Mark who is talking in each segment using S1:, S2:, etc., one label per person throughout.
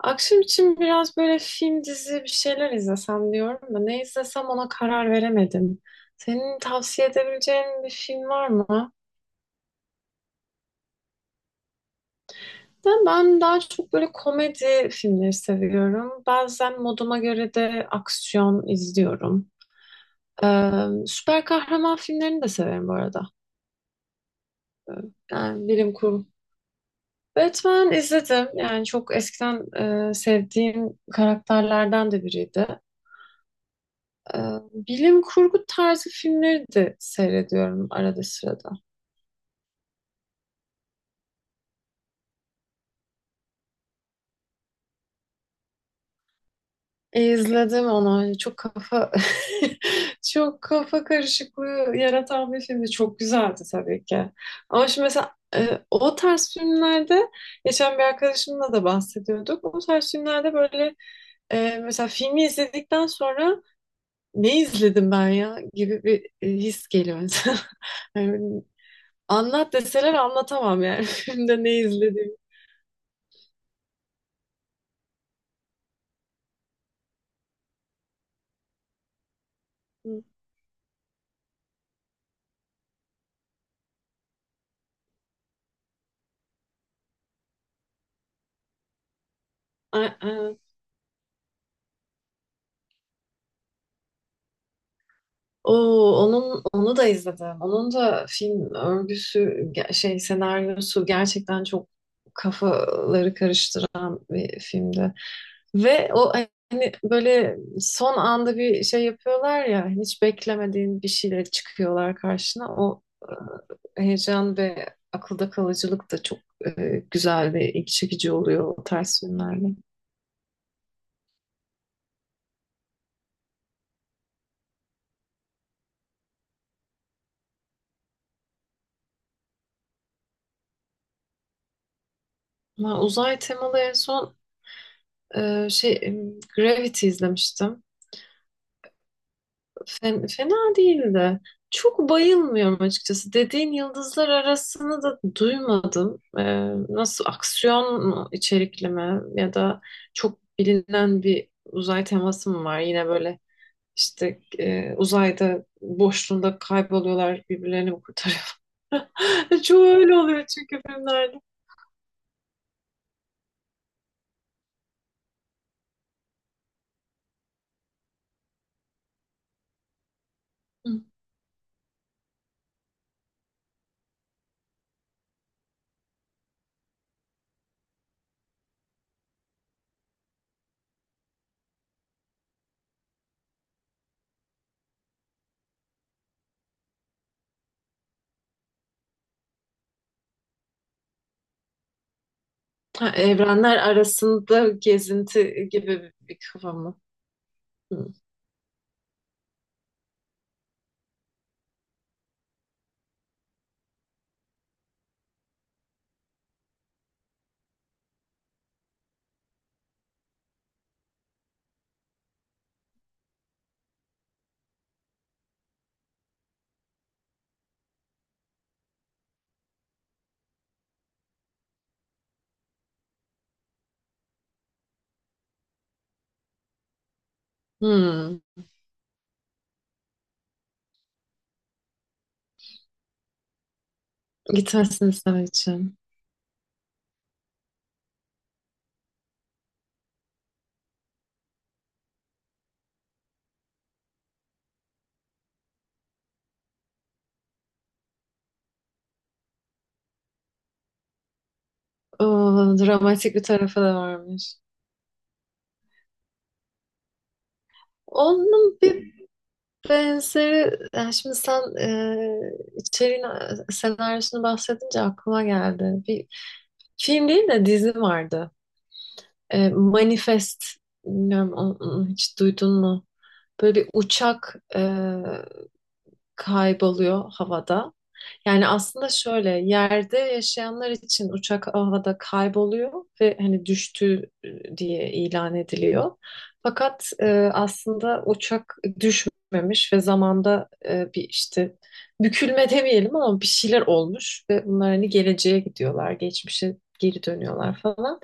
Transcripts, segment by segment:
S1: Akşam için biraz böyle film, dizi bir şeyler izlesem diyorum da ne izlesem ona karar veremedim. Senin tavsiye edebileceğin bir film var mı? De ben daha çok böyle komedi filmleri seviyorum. Bazen moduma göre de aksiyon izliyorum. Süper kahraman filmlerini de severim bu arada. Ee, Yani bilim kurgu. Batman izledim. Yani çok eskiden sevdiğim karakterlerden de biriydi. Ee, Bilim kurgu tarzı filmleri de seyrediyorum arada sırada. İzledim onu. Çok kafa. Çok kafa karışıklığı yaratan bir filmdi. Çok güzeldi tabii ki. Ama şimdi mesela o tarz filmlerde geçen bir arkadaşımla da bahsediyorduk. O tarz filmlerde böyle mesela filmi izledikten sonra ne izledim ben ya gibi bir his geliyor mesela. Yani anlat deseler anlatamam yani filmde ne izlediğimi. Ay. Oo, onu da izledim. Onun da film örgüsü, senaryosu gerçekten çok kafaları karıştıran bir filmdi. Ve o, hani böyle son anda bir şey yapıyorlar ya, hani hiç beklemediğin bir şeyle çıkıyorlar karşına. O heyecan ve akılda kalıcılık da çok e, güzel ve ilgi çekici oluyor o tarz filmlerde. Ama uzay temalı en son e, şey Gravity izlemiştim. Fena değildi. Çok bayılmıyorum açıkçası. Dediğin yıldızlar arasını da duymadım. Nasıl, aksiyon mu, içerikli mi, ya da çok bilinen bir uzay teması mı var? Yine böyle işte uzayda boşluğunda kayboluyorlar, birbirlerini mi kurtarıyor? Çoğu öyle oluyor çünkü filmlerde. Hı. Ha, evrenler arasında gezinti gibi bir kafa mı? Hı. Hmm. Gitmesin için. O, dramatik bir tarafı da varmış. Onun bir benzeri, yani şimdi sen içeriğini, senaryosunu bahsedince aklıma geldi. Bir film değil de dizi vardı. E, Manifest, bilmiyorum, onu hiç duydun mu? Böyle bir uçak kayboluyor havada. Yani aslında şöyle, yerde yaşayanlar için uçak havada kayboluyor ve hani düştü diye ilan ediliyor. Fakat aslında uçak düşmemiş ve zamanda bir işte bükülme demeyelim ama bir şeyler olmuş ve bunlar hani geleceğe gidiyorlar, geçmişe geri dönüyorlar falan.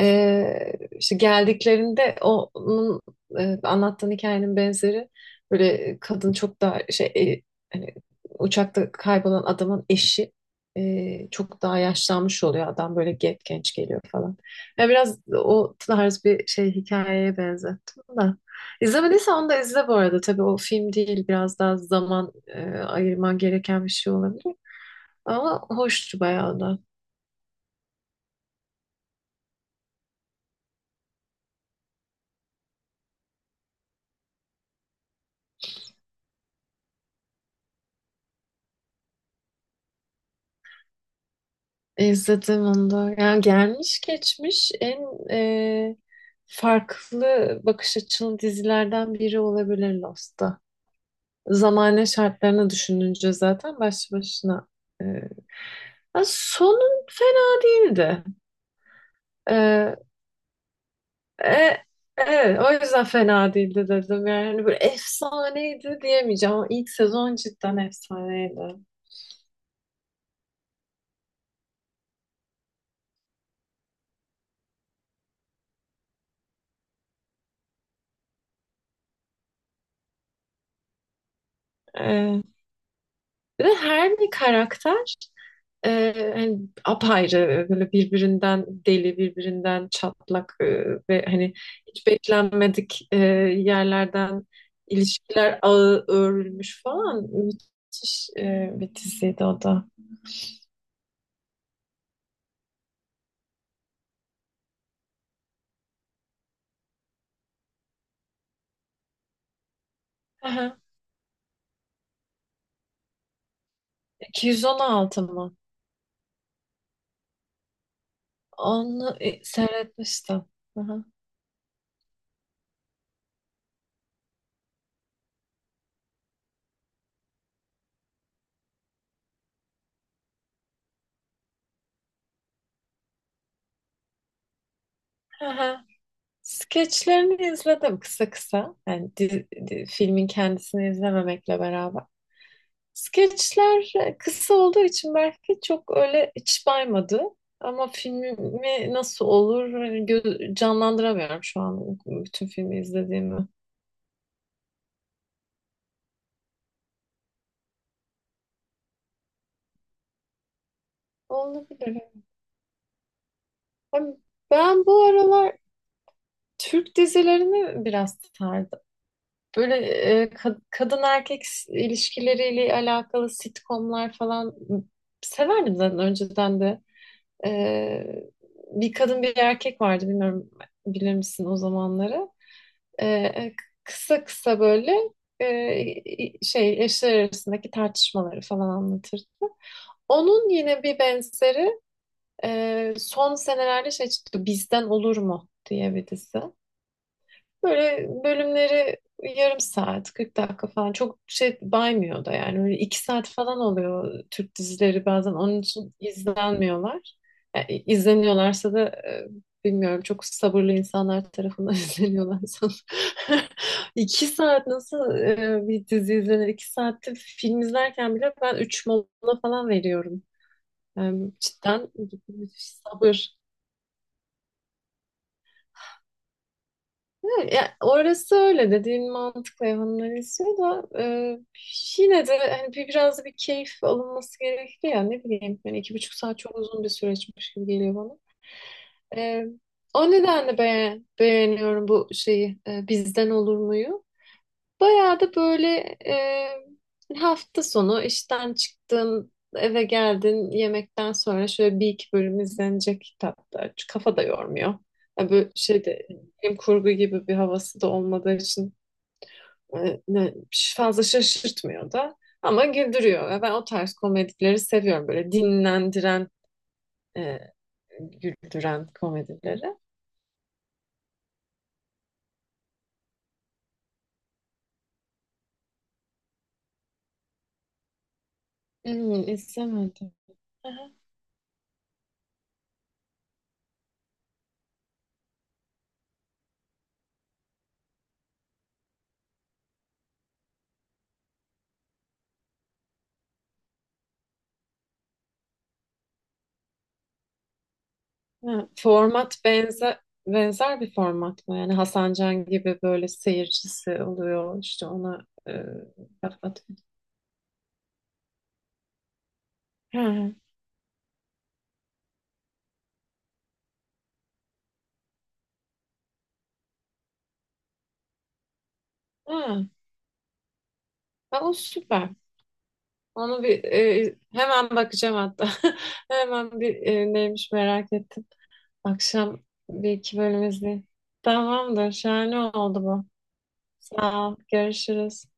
S1: E, işte geldiklerinde onun anlattığın hikayenin benzeri. Böyle kadın çok daha şey, hani uçakta kaybolan adamın eşi çok daha yaşlanmış oluyor. Adam böyle genç genç geliyor falan. Ya biraz o tarz bir şey hikayeye benzettim da. İzlemediysen onu da izle bu arada. Tabii o film değil. Biraz daha zaman ayırman gereken bir şey olabilir. Ama hoştu bayağı da. İzledim onu da. Yani gelmiş geçmiş en e, farklı bakış açılı dizilerden biri olabilir Lost'ta. Zamane şartlarını düşününce zaten başlı başına. e, Ya sonun fena değildi. E, e, evet, o yüzden fena değildi dedim. Yani hani böyle efsaneydi diyemeyeceğim ama ilk sezon cidden efsaneydi. E, Bir de her bir karakter hani apayrı, böyle birbirinden deli, birbirinden çatlak, ve hani hiç beklenmedik yerlerden ilişkiler ağı örülmüş falan, müthiş bir diziydi o da. Aha. 216 mı? Onu seyretmiştim. Aha. Aha. Skeçlerini izledim kısa kısa. Yani filmin kendisini izlememekle beraber. Skeçler kısa olduğu için belki çok öyle iç baymadı. Ama filmi nasıl olur hani, canlandıramıyorum şu an bütün filmi izlediğimi. Olabilir. Ama ben bu aralar Türk dizilerini biraz sardım. Böyle kadın erkek ilişkileriyle alakalı sitcomlar falan severdim zaten önceden de. Ee, Bir kadın bir erkek vardı, bilmiyorum, bilir misin o zamanları. Ee, Kısa kısa böyle eşler arasındaki tartışmaları falan anlatırdı. Onun yine bir benzeri son senelerde şey çıktı, Bizden Olur mu diye bir dizi. Böyle bölümleri yarım saat, 40 dakika falan, çok şey baymıyor da yani. Öyle iki saat falan oluyor Türk dizileri, bazen onun için izlenmiyorlar. Yani izleniyorlarsa da bilmiyorum, çok sabırlı insanlar tarafından izleniyorlar sanırım. İki saat nasıl bir dizi izlenir? İki saatte film izlerken bile ben üç mola falan veriyorum. Yani cidden müthiş sabır. Ya, orası öyle, dediğin mantıklı, hayvanlar istiyor da yine de hani bir, biraz da bir keyif alınması gerekli ya, ne bileyim, yani iki buçuk saat çok uzun bir süreçmiş gibi geliyor bana. E, O nedenle beğeniyorum bu şeyi, Bizden Olur mu'yu. Bayağı da böyle hafta sonu işten çıktın, eve geldin, yemekten sonra şöyle bir iki bölüm izlenecek kitaplar. Çünkü kafa da yormuyor. Ya böyle şeyde bilim kurgu gibi bir havası da olmadığı için e, ne- fazla şaşırtmıyor da. Ama güldürüyor. Ve ben o tarz komedileri seviyorum. Böyle dinlendiren, e, güldüren komedileri. Hmm, izlemedim. Ha, format benzer bir format mı? Yani Hasan Can gibi böyle seyircisi oluyor, işte ona laf atıyor. Ha, ha. Ha, o süper. Onu bir hemen bakacağım hatta. Hemen bir neymiş merak ettim. Akşam bir iki bölüm izleyeyim. Tamamdır. Şahane oldu bu. Sağ ol. Görüşürüz.